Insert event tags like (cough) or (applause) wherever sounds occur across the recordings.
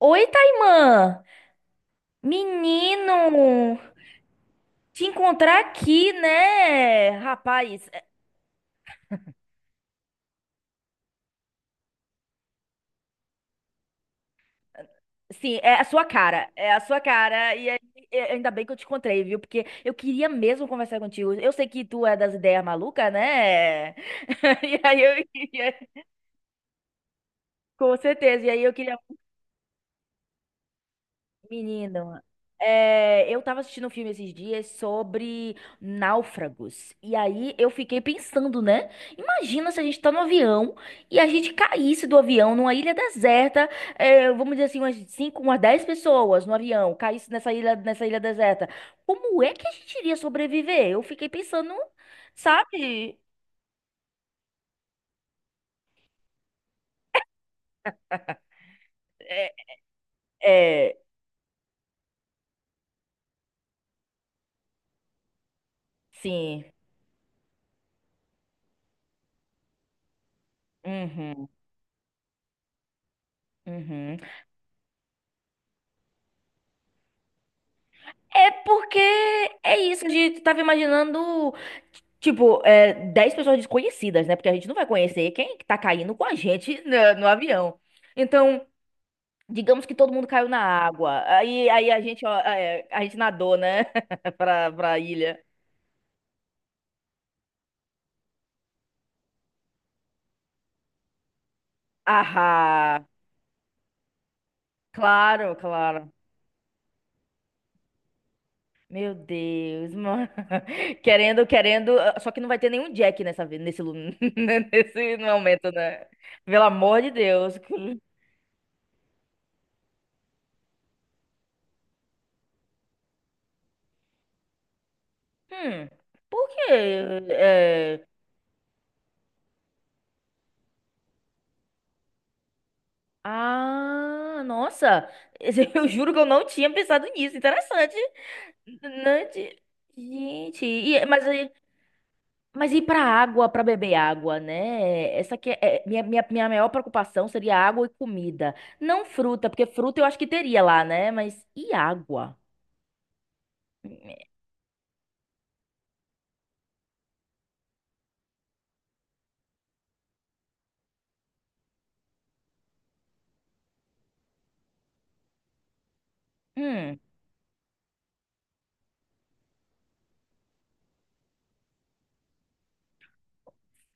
Oi, Taimã! Menino! Te encontrar aqui, né? Rapaz, sim, é a sua cara. É a sua cara. E aí, ainda bem que eu te encontrei, viu? Porque eu queria mesmo conversar contigo. Eu sei que tu é das ideias malucas, né? (laughs) E aí eu queria, com certeza. E aí eu queria menino, é, eu tava assistindo um filme esses dias sobre náufragos. E aí eu fiquei pensando, né? Imagina se a gente tá no avião e a gente caísse do avião numa ilha deserta, é, vamos dizer assim, umas 5, umas 10 pessoas no avião, caísse nessa ilha deserta. Como é que a gente iria sobreviver? Eu fiquei pensando, sabe? É, é, sim. Uhum, uhum. É porque é isso, a gente tava imaginando tipo, é, 10 pessoas desconhecidas, né? Porque a gente não vai conhecer quem que tá caindo com a gente (laughs) no avião. Então, digamos que todo mundo caiu na água. Aí a gente, ó, é, a gente nadou, né? (laughs) Pra ilha. Ah, claro, claro. Meu Deus, mano. (laughs) Querendo, querendo. Só que não vai ter nenhum Jack nessa, nesse, (laughs) nesse momento, né? Pelo amor de Deus. Hum, por quê? É, ah, nossa! (laughs) Eu juro que eu não tinha pensado nisso. Interessante. Interessante. Gente, é, mas, mas ir pra água, pra beber água, né? Essa que é minha maior preocupação seria água e comida. Não fruta, porque fruta eu acho que teria lá, né? Mas e água? Hum, hum.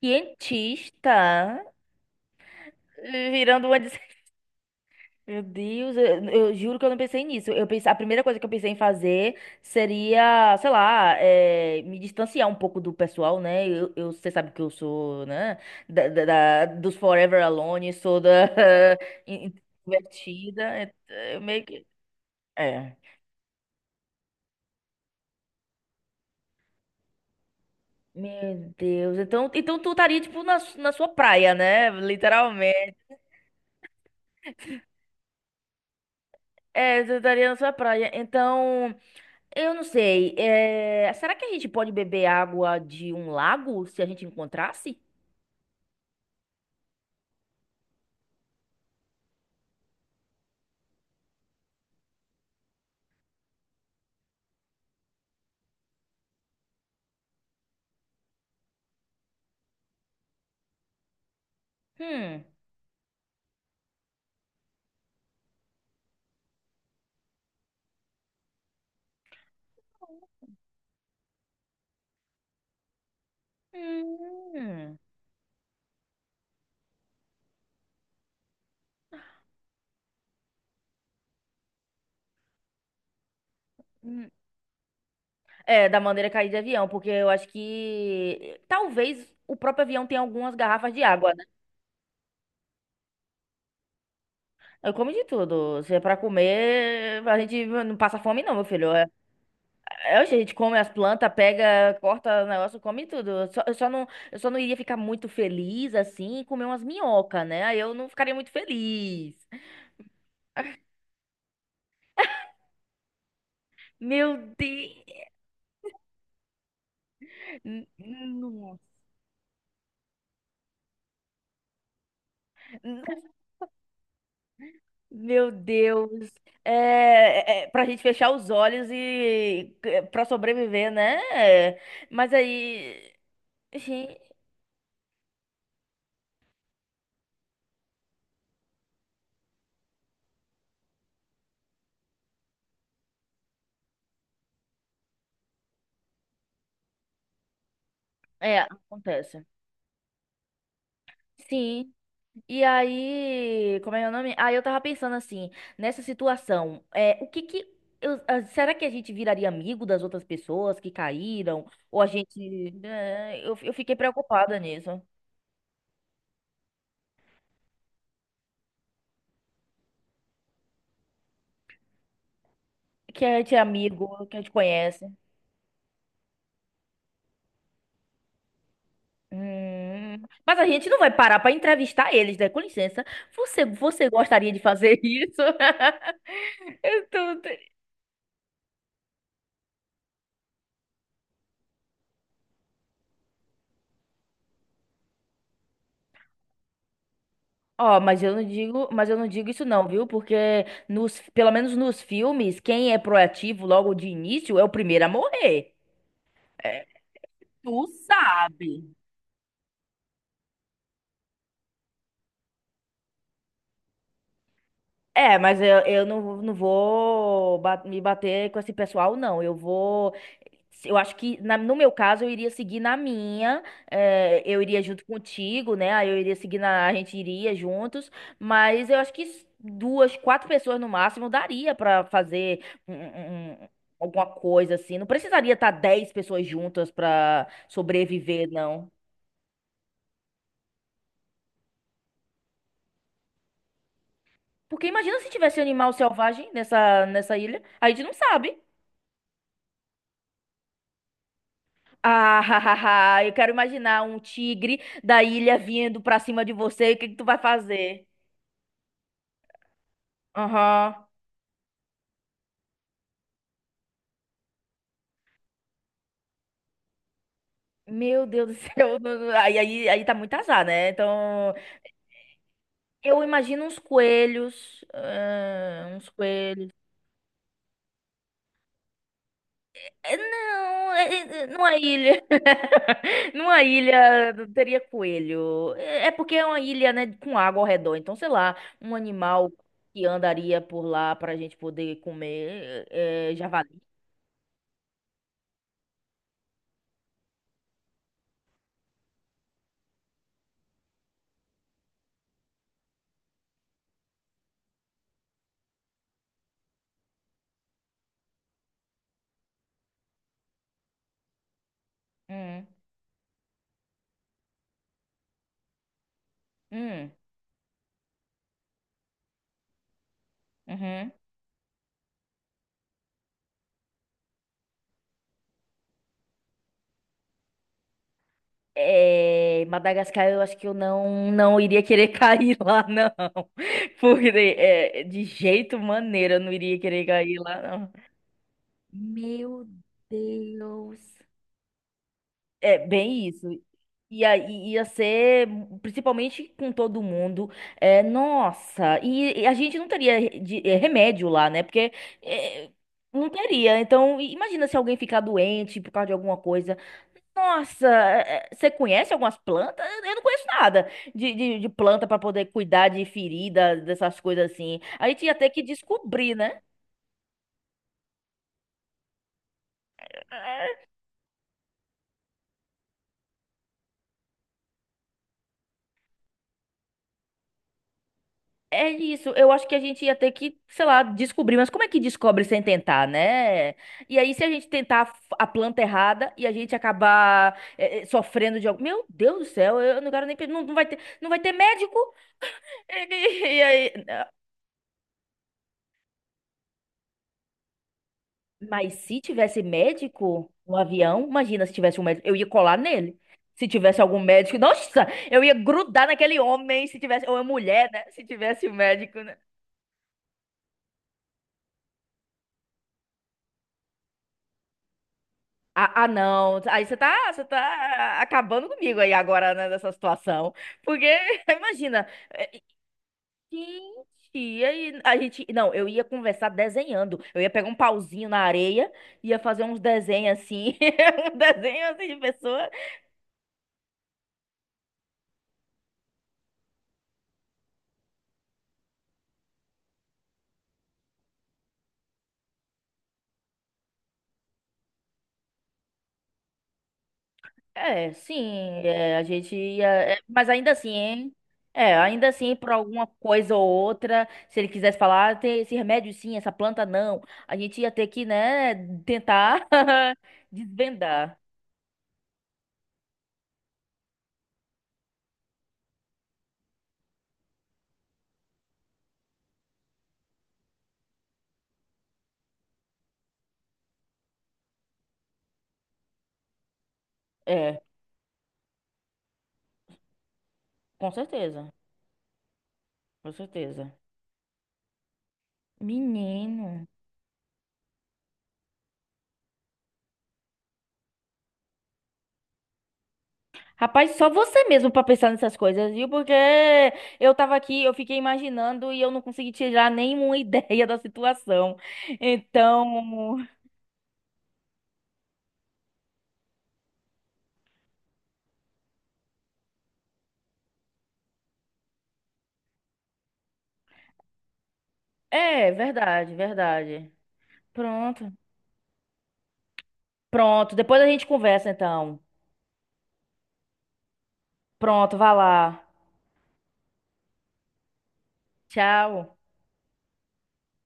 Cientista virando uma de meu Deus, eu juro que eu não pensei nisso. Eu pensei, a primeira coisa que eu pensei em fazer seria, sei lá, me distanciar um pouco do pessoal, né? Você sabe que eu sou, né? Dos Forever Alone, sou da (laughs) introvertida. É meio que. É. Meu Deus, então, então tu estaria, tipo, na sua praia, né? Literalmente. É, tu estaria na sua praia. Então. Eu não sei. É, será que a gente pode beber água de um lago se a gente encontrasse? Hum. Hum. Hum. É, da maneira é cair de avião, porque eu acho que talvez o próprio avião tenha algumas garrafas de água, né? Eu como de tudo. Se é pra comer, a gente não passa fome, não, meu filho. É, é, a gente come as plantas, pega, corta o negócio, come tudo. Eu só não iria ficar muito feliz assim e comer umas minhocas, né? Aí eu não ficaria muito feliz. Meu Deus! Nossa. Meu Deus! É, é, pra gente fechar os olhos e é, pra sobreviver, né? É, mas aí, gente, é, acontece. Sim. E aí, como é o nome? Aí eu tava pensando assim, nessa situação, é, o que que ah, será que a gente viraria amigo das outras pessoas que caíram? Ou a gente, né, eu fiquei preocupada nisso. Que a gente é amigo, que a gente conhece. Mas a gente não vai parar para entrevistar eles, né? Com licença. Você gostaria de fazer isso? (laughs) Eu tô... Ó, mas eu não digo, mas eu não digo isso não, viu? Porque nos, pelo menos nos filmes, quem é proativo logo de início é o primeiro a morrer. É, tu sabe. É, mas eu, não vou me bater com esse pessoal, não. Eu vou eu acho que, no meu caso, eu iria seguir na minha, eu iria junto contigo, né? Aí eu iria seguir na, a gente iria juntos, mas eu acho que duas, quatro pessoas no máximo daria pra fazer um- um- um- alguma coisa assim. Não precisaria estar dez pessoas juntas pra sobreviver, não. Porque imagina se tivesse animal selvagem nessa, nessa ilha, a gente não sabe. Ah, (laughs) eu quero imaginar um tigre da ilha vindo pra cima de você, o que que tu vai fazer? Aham. Meu Deus do céu, (laughs) aí tá muito azar, né? Então, eu imagino uns coelhos, ah, uns coelhos. É, não, é, numa ilha, (laughs) numa ilha não teria coelho. É é porque é uma ilha, né, com água ao redor. Então, sei lá, um animal que andaria por lá pra gente poder comer, é, javali. Hum, hum, uhum. É, Madagascar, eu acho que eu não, não iria querer (laughs) cair lá, não. Porque é, de jeito maneira eu não iria querer cair lá, não. Meu Deus. É bem isso. E aí ia ser, principalmente com todo mundo, é, nossa, e a gente não teria remédio lá, né? Porque eh, não teria. Então, imagina se alguém ficar doente por causa de alguma coisa. Nossa, você conhece algumas plantas? Eu não conheço nada de planta para poder cuidar de ferida, dessas coisas assim. A gente ia ter que descobrir, né? É é isso, eu acho que a gente ia ter que, sei lá, descobrir, mas como é que descobre sem tentar, né? E aí, se a gente tentar a a planta errada e a gente acabar sofrendo de algo. Meu Deus do céu, eu não quero nem. Não, não vai ter, não vai ter médico? (laughs) E, aí. Mas se tivesse médico no avião, imagina se tivesse um médico, eu ia colar nele. Se tivesse algum médico, (laughs) nossa, eu ia grudar naquele homem, se tivesse, ou é mulher, né? Se tivesse um médico, né? Ah, ah, não. Aí você tá acabando comigo aí agora, né, nessa situação. Porque, (laughs) imagina, gente, e aí a gente. Não, eu ia conversar desenhando. Eu ia pegar um pauzinho na areia, ia fazer uns desenhos assim, (laughs) um desenho assim de pessoa. É, sim, é, a gente ia. É, mas ainda assim, hein? É, ainda assim, por alguma coisa ou outra, se ele quisesse falar, "Ah, tem esse remédio sim, essa planta não, a gente ia ter que, né, tentar (laughs) desvendar. É, com certeza, com certeza. Menino. Rapaz, só você mesmo pra pensar nessas coisas, viu? Porque eu tava aqui, eu fiquei imaginando e eu não consegui tirar nenhuma (laughs) ideia da situação. Então, é verdade, verdade. Pronto. Pronto. Depois a gente conversa, então. Pronto, vá lá. Tchau.